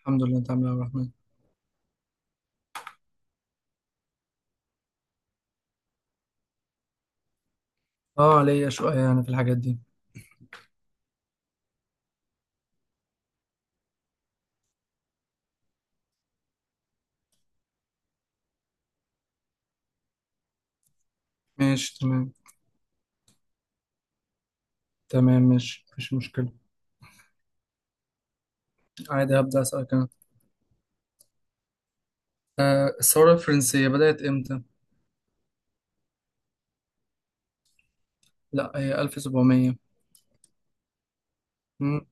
الحمد لله. انت عامل ايه يا عبد الرحمن؟ اه ليا شويه يعني في الحاجات دي. ماشي تمام. تمام ماشي، مفيش مشكله. عادي، هبدا اسالك انا. آه، الثوره الفرنسيه بدات امتى؟ لا، هي 1700. مم.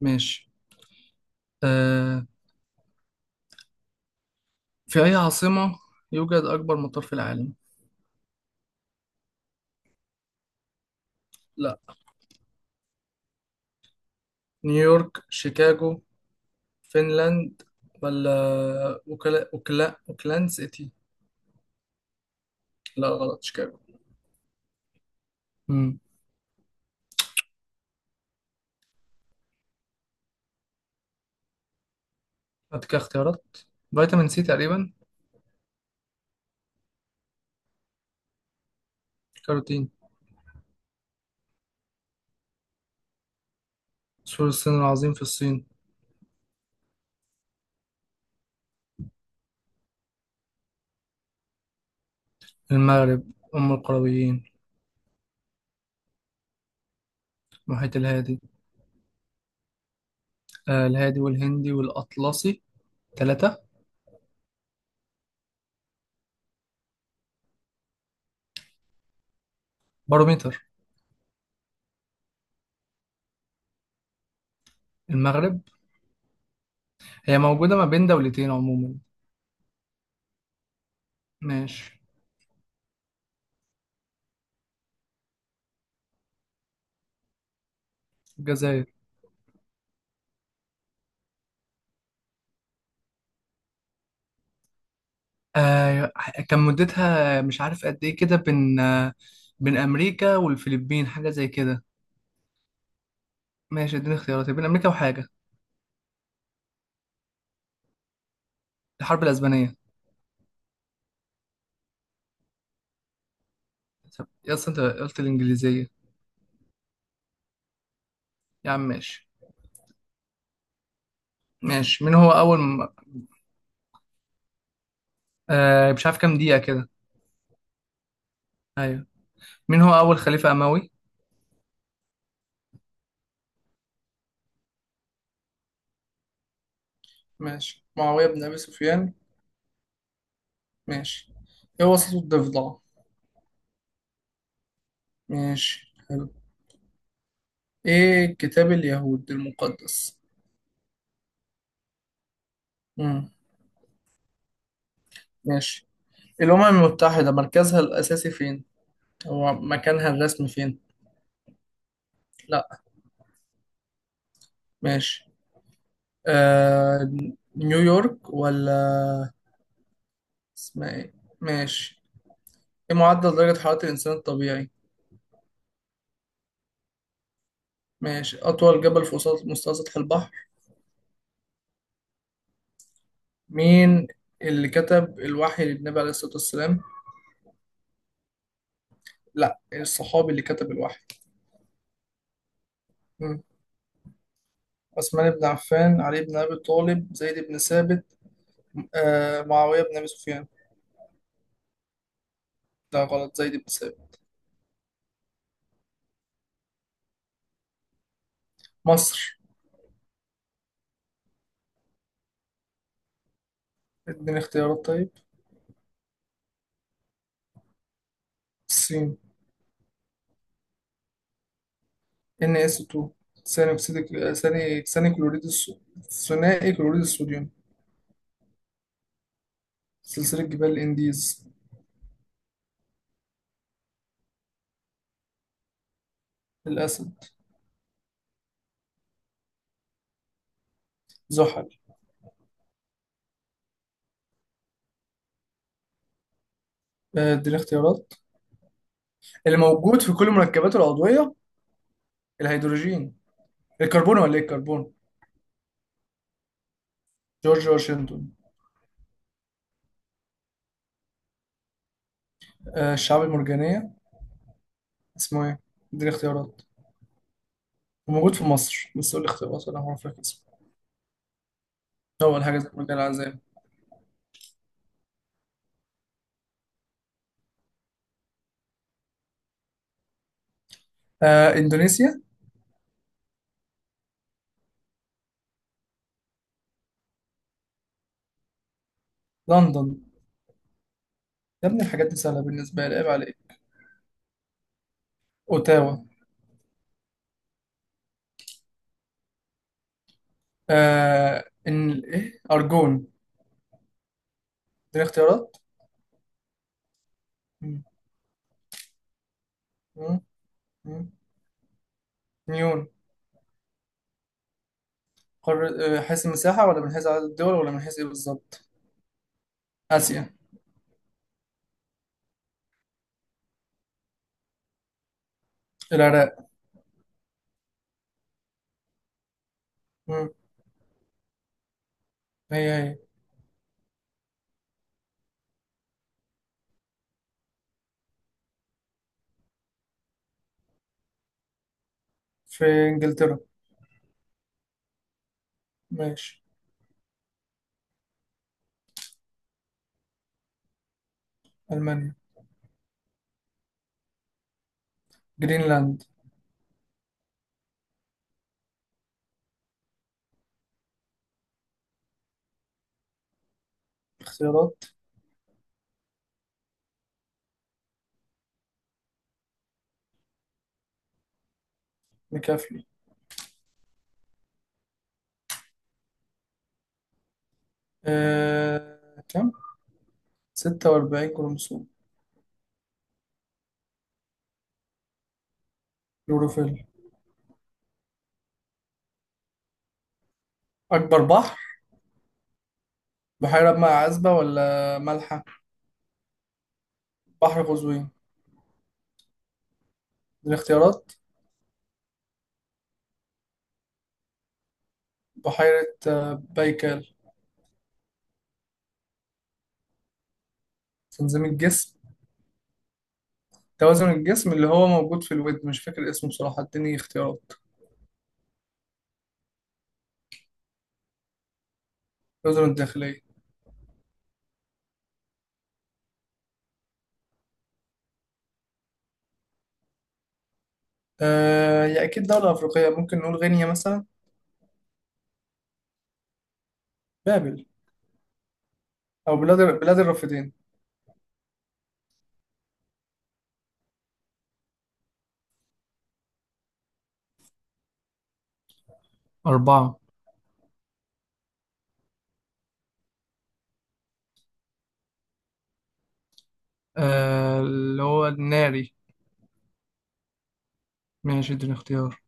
ماشي. آه في اي عاصمه يوجد اكبر مطار في العالم؟ لا. نيويورك، شيكاغو، فنلاند، ولا وكلاند سيتي؟ لا غلط، شيكاغو. امم هات كده اختيارات. فيتامين سي تقريبا. كاروتين. سور الصين العظيم، في الصين. المغرب، أم القرويين. المحيط الهادي. آه، الهادي والهندي والأطلسي، ثلاثة. بارومتر. المغرب. هي موجودة ما بين دولتين عموما. ماشي، الجزائر. آه كان مدتها مش عارف قد إيه كده، بين بين أمريكا والفلبين، حاجة زي كده. ماشي، اديني اختيارات بين أمريكا وحاجة. الحرب الأسبانية. طب يا أصل أنت قلت الإنجليزية. يا عم ماشي. ماشي. مين هو آه، مش عارف كام دقيقة كده. أيوه. مين هو أول خليفة أموي؟ ماشي، معاوية بن أبي سفيان. ماشي. إيه وسط الضفدع؟ ماشي حلو. إيه كتاب اليهود المقدس؟ مم. ماشي. الأمم المتحدة مركزها الأساسي فين؟ هو مكانها الرسمي فين؟ لأ. ماشي. آه... نيويورك ولا اسمها إيه؟ ماشي. إيه معدل درجة حرارة الإنسان الطبيعي؟ ماشي. أطول جبل في وسط مستوى سطح البحر. مين اللي كتب الوحي للنبي عليه الصلاة والسلام؟ لأ، الصحابي اللي كتب الوحي. مم. عثمان بن عفان، علي بن أبي طالب، زيد بن ثابت، آه، معاوية بن أبي سفيان. لا غلط، زيد بن ثابت. مصر. اديني اختيارات طيب. الصين. ان اس 2. ثاني أكسيد، ثاني ثاني كلوريد ثنائي كلوريد الصوديوم. سلسلة جبال الإنديز. الأسد. زحل. آه، اديني اختيارات. اللي موجود في كل المركبات العضوية. الهيدروجين. الكربون، ولا ايه، الكربون. جورج واشنطن. آه، الشعاب المرجانية. اسمه ايه؟ اديني اختيارات، وموجود في مصر بس قول لي اختيارات ولا هو فاكر اسمه. أول حاجة زي ما قال العزام. آه، إندونيسيا. لندن. يا ابني الحاجات دي سهلة بالنسبة لي، عيب عليك. أوتاوا. آه، إن إيه أرجون. دي اختيارات. مم. مم. مم. نيون. قارة، آه، حيث المساحة، ولا من حيث عدد الدول، ولا من حيث إيه بالظبط؟ آسيا. العراق. مم. هي هي. في إنجلترا. ماشي. ألمانيا. جرينلاند. اختيارات. مكافلي. آه، كم؟ 46 كروموسوم. يوروفيل. أكبر بحر. بحيرة بماء عذبة ولا مالحة؟ بحر قزوين. الاختيارات. بحيرة، آه، بايكال. تنظيم الجسم. توازن الجسم اللي هو موجود في الودن، مش فاكر اسمه بصراحة، اديني اختيارات. الأذن الداخلية. آه، هي أكيد دولة أفريقية، ممكن نقول غينيا مثلا. بابل، أو بلاد الرافدين. أربعة. آه، اللي هو الناري. ماشي، اديني اختيار.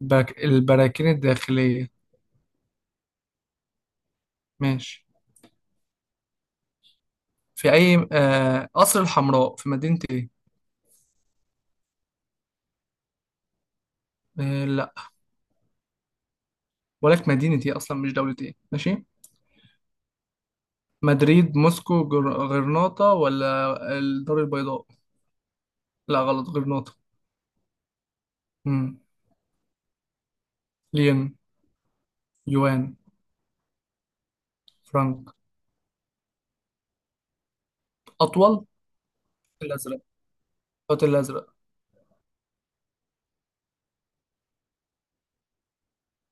باك، البراكين الداخلية. ماشي. في أي قصر الحمراء في مدينة إيه؟ ولك مدينة ايه اصلا، مش دولة ايه، ماشي. مدريد، موسكو، غرناطة، ولا الدار البيضاء. لا غلط، غرناطة. امم لين. يوان. فرانك. اطول. الازرق. الخط الازرق.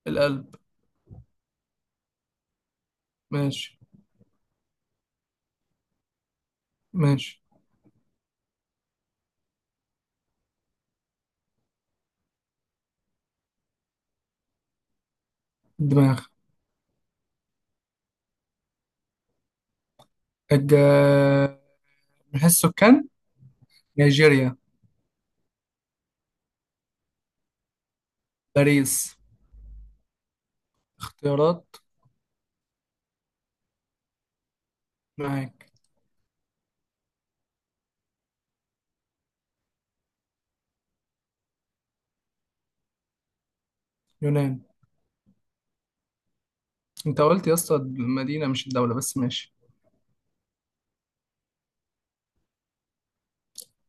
القلب. ماشي. ماشي. الدماغ. الج... من حيث السكان. نيجيريا. باريس. اختيارات. معاك. يونان. انت قلت يا اسطى المدينة مش الدولة، بس ماشي.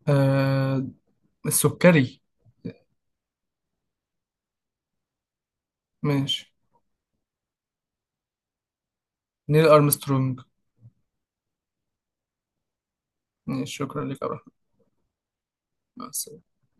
آه... السكري. ماشي. نيل أرمسترونج. شكرا لك يا رحمة. مع السلامة.